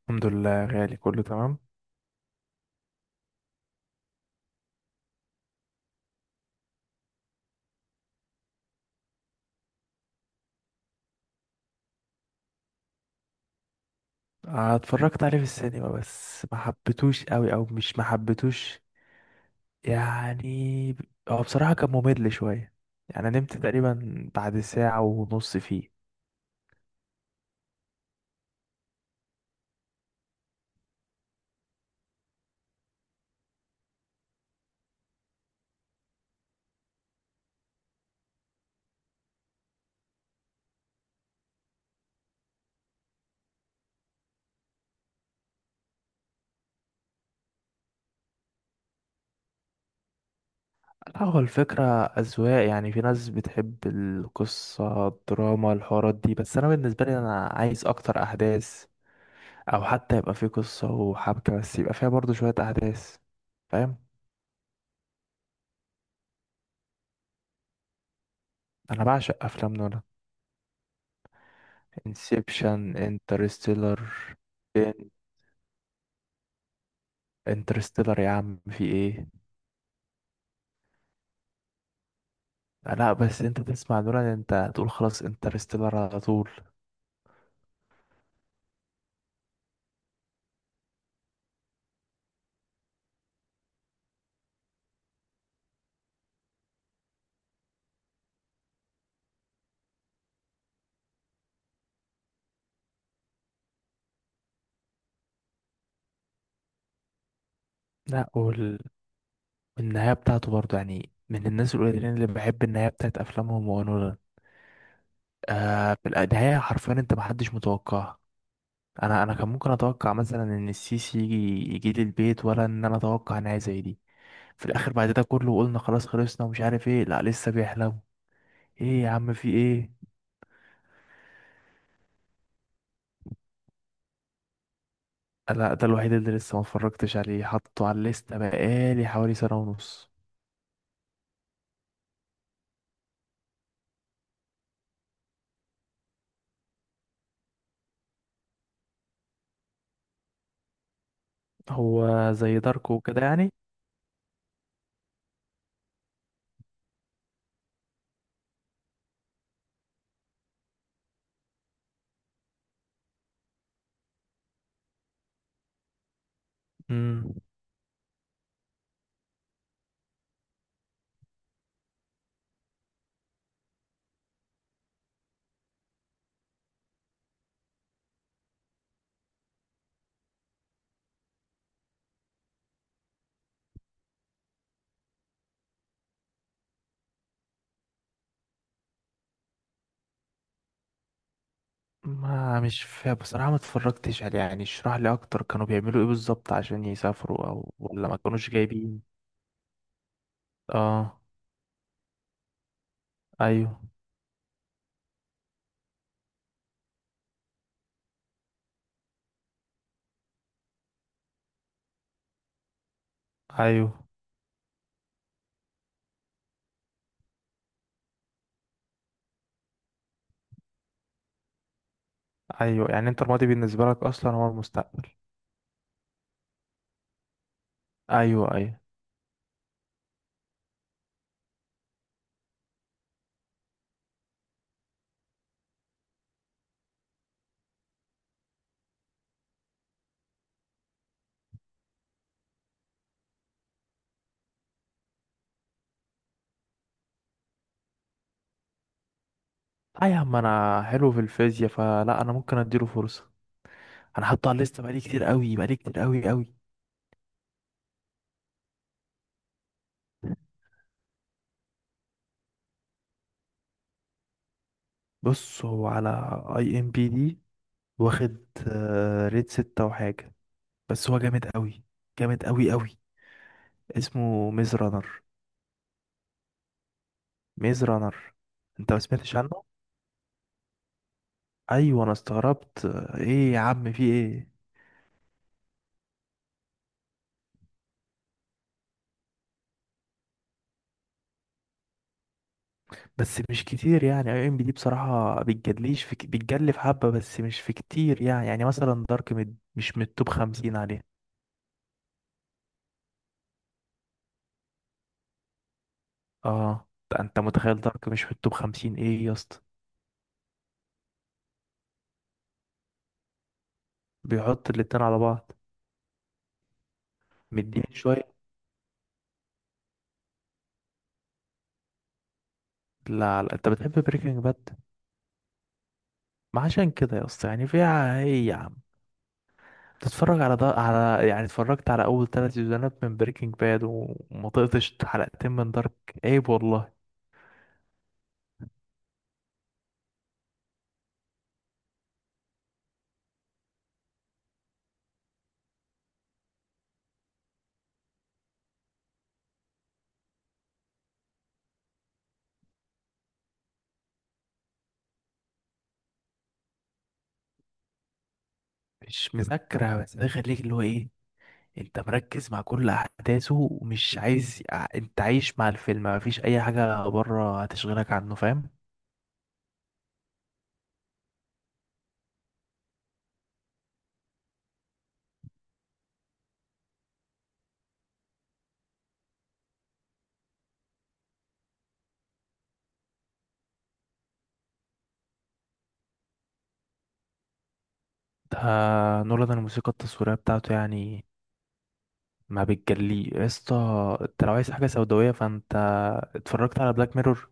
الحمد لله، غالي، كله تمام. آه، اتفرجت عليه في السينما، بس ما حبيتوش قوي، او مش ما حبيتوش يعني. هو بصراحة كان ممل شوية، يعني نمت تقريبا بعد ساعة ونص فيه. لا، هو الفكرة أذواق، يعني في ناس بتحب القصة، الدراما، الحوارات دي، بس أنا بالنسبة لي أنا عايز أكتر أحداث، أو حتى يبقى في قصة وحبكة بس يبقى فيها برضو شوية أحداث. فاهم؟ أنا بعشق أفلام نولان. انسبشن، انترستيلر. انترستيلر يا عم في ايه؟ لا، بس انت تسمع نولان انت تقول خلاص انترستيلر على طول. لا النهايه بتاعته برضه، يعني من الناس القليلين اللي بحب النهايه بتاعت افلامهم هو نولان. آه، في النهايه حرفيا انت محدش متوقعها. انا كان ممكن اتوقع مثلا ان السيسي يجي، يجي لي البيت، ولا ان انا اتوقع نهايه زي دي. في الاخر بعد ده كله قلنا خلاص خلصنا ومش عارف ايه، لا لسه بيحلم. ايه يا عم في ايه؟ لا، ده الوحيد اللي لسه ما اتفرجتش عليه، حطه على الليسته بقالي حوالي سنه ونص. هو زي داركو وكده يعني؟ امم، ما مش فا بصراحة ما اتفرجتش عليه، يعني اشرح لي اكتر، كانوا بيعملوا ايه بالظبط عشان يسافروا او ولا ما كانوش جايبين؟ اه. ايوه، ايوه، ايوه، يعني انت الماضي بالنسبة لك اصلا هو المستقبل. ايوه، ايوه. لا يا عم، انا حلو في الفيزياء فلا، انا ممكن اديله فرصة. انا حاطه على الليسته بقالي كتير قوي، بقالي كتير قوي قوي. بص، هو على اي ام بي دي واخد آه، ريت ستة وحاجة، بس هو جامد قوي، جامد قوي قوي. اسمه ميز رانر. ميز رانر، انت ما سمعتش عنه؟ ايوه، انا استغربت. ايه يا عم في ايه؟ بس مش كتير، يعني اي ام بي دي بصراحه بتجدليش في، بتجلي في حبه بس مش في كتير، يعني مثلا دارك، مش من التوب 50 عليه. اه، ده انت متخيل دارك مش في التوب 50؟ ايه يا اسطى. بيحط الاتنين على بعض. مدين شويه. لا لا، انت بتحب بريكنج باد. ما عشان كده يا اسطى، يعني فيها ايه يا عم؟ تتفرج على ده على، يعني اتفرجت على اول ثلاث سيزونات من بريكنج باد وما طقتش حلقتين من دارك. عيب والله. مش مذاكره، بس ده يخليك اللي هو ايه، انت مركز مع كل احداثه ومش عايز انت عايش مع الفيلم، مفيش اي حاجه بره هتشغلك عنه، فاهم؟ ده نولان الموسيقى التصويريه بتاعته، يعني ما بتجلي يا اسطى. انت لو عايز حاجه سوداويه فانت، اتفرجت على بلاك ميرور؟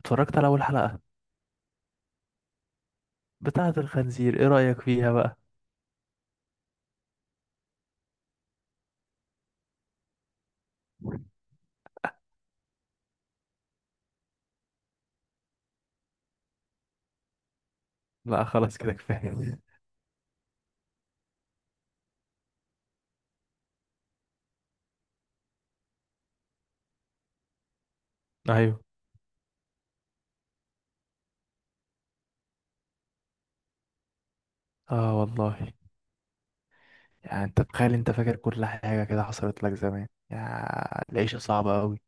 اتفرجت على اول حلقه، بتاعه الخنزير؟ ايه رايك فيها بقى؟ لا خلاص، كده كفاية. ايوه. اه والله، يعني انت تخيل انت فاكر كل حاجة كده حصلت لك زمان، يا العيشة صعبة قوي.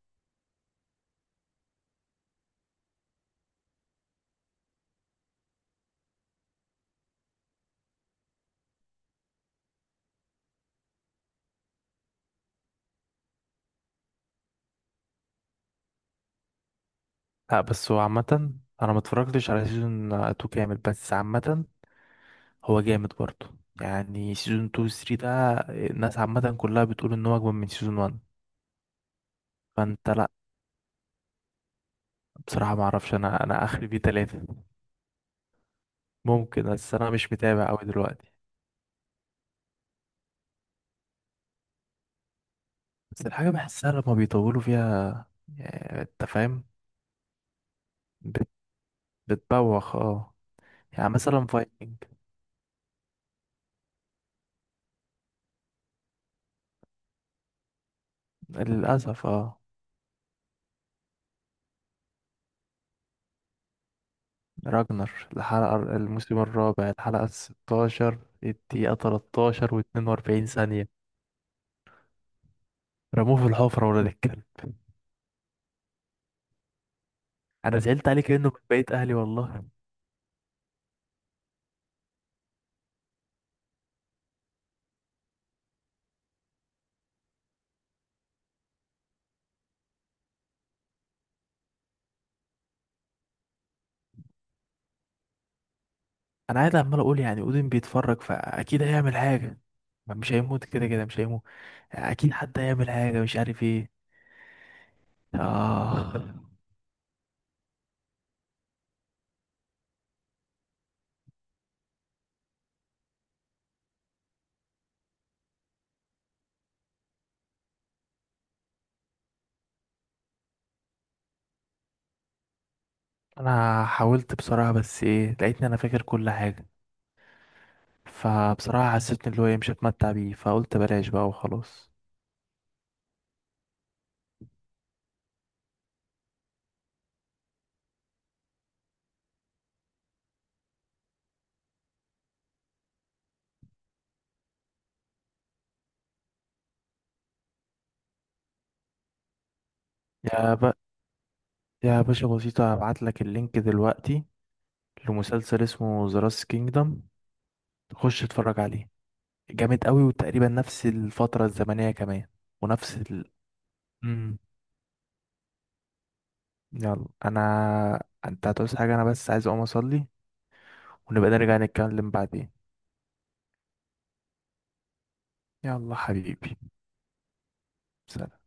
لا بس هو عامة، انا ما اتفرجتش على سيزون 2 كامل، بس عامة هو جامد برضه. يعني سيزون 2 و 3 ده، الناس عامة كلها بتقول ان هو اجمل من سيزون 1. فانت لا، بصراحة ما اعرفش، انا اخري فيه تلاتة. ممكن، بس انا مش متابع قوي دلوقتي. بس الحاجة بحسها لما بيطولوا فيها، يعني انت فاهم، بت- بتبوخ اه. يعني مثلا فايكنج. للأسف اه. راجنر. الموسم الرابع، الحلقة 16، الدقيقة 13 واتنين وأربعين ثانية. رموه في الحفرة ولا الكلب. أنا زعلت عليه كأنه من بقية أهلي والله. أنا قاعد عمال أقول يعني أودين بيتفرج فأكيد هيعمل حاجة، ما مش هيموت كده كده، مش هيموت. أكيد حد هيعمل حاجة مش عارف ايه. آه. أنا حاولت بصراحة، بس ايه، لقيتني أنا فاكر كل حاجة، فبصراحة حسيت إن اللي هو ايه مش هتمتع بيه، فقلت بلاش بقى وخلاص. يا ب... يا باشا بسيطة، هبعت لك اللينك دلوقتي لمسلسل اسمه ذا راس كينجدم، خش اتفرج عليه. جامد قوي وتقريبا نفس الفترة الزمنية كمان ونفس ال... مم. يلا، انت هتعوز حاجة؟ انا بس عايز اقوم اصلي، ونبقى نرجع نتكلم بعدين. يلا حبيبي. سلام.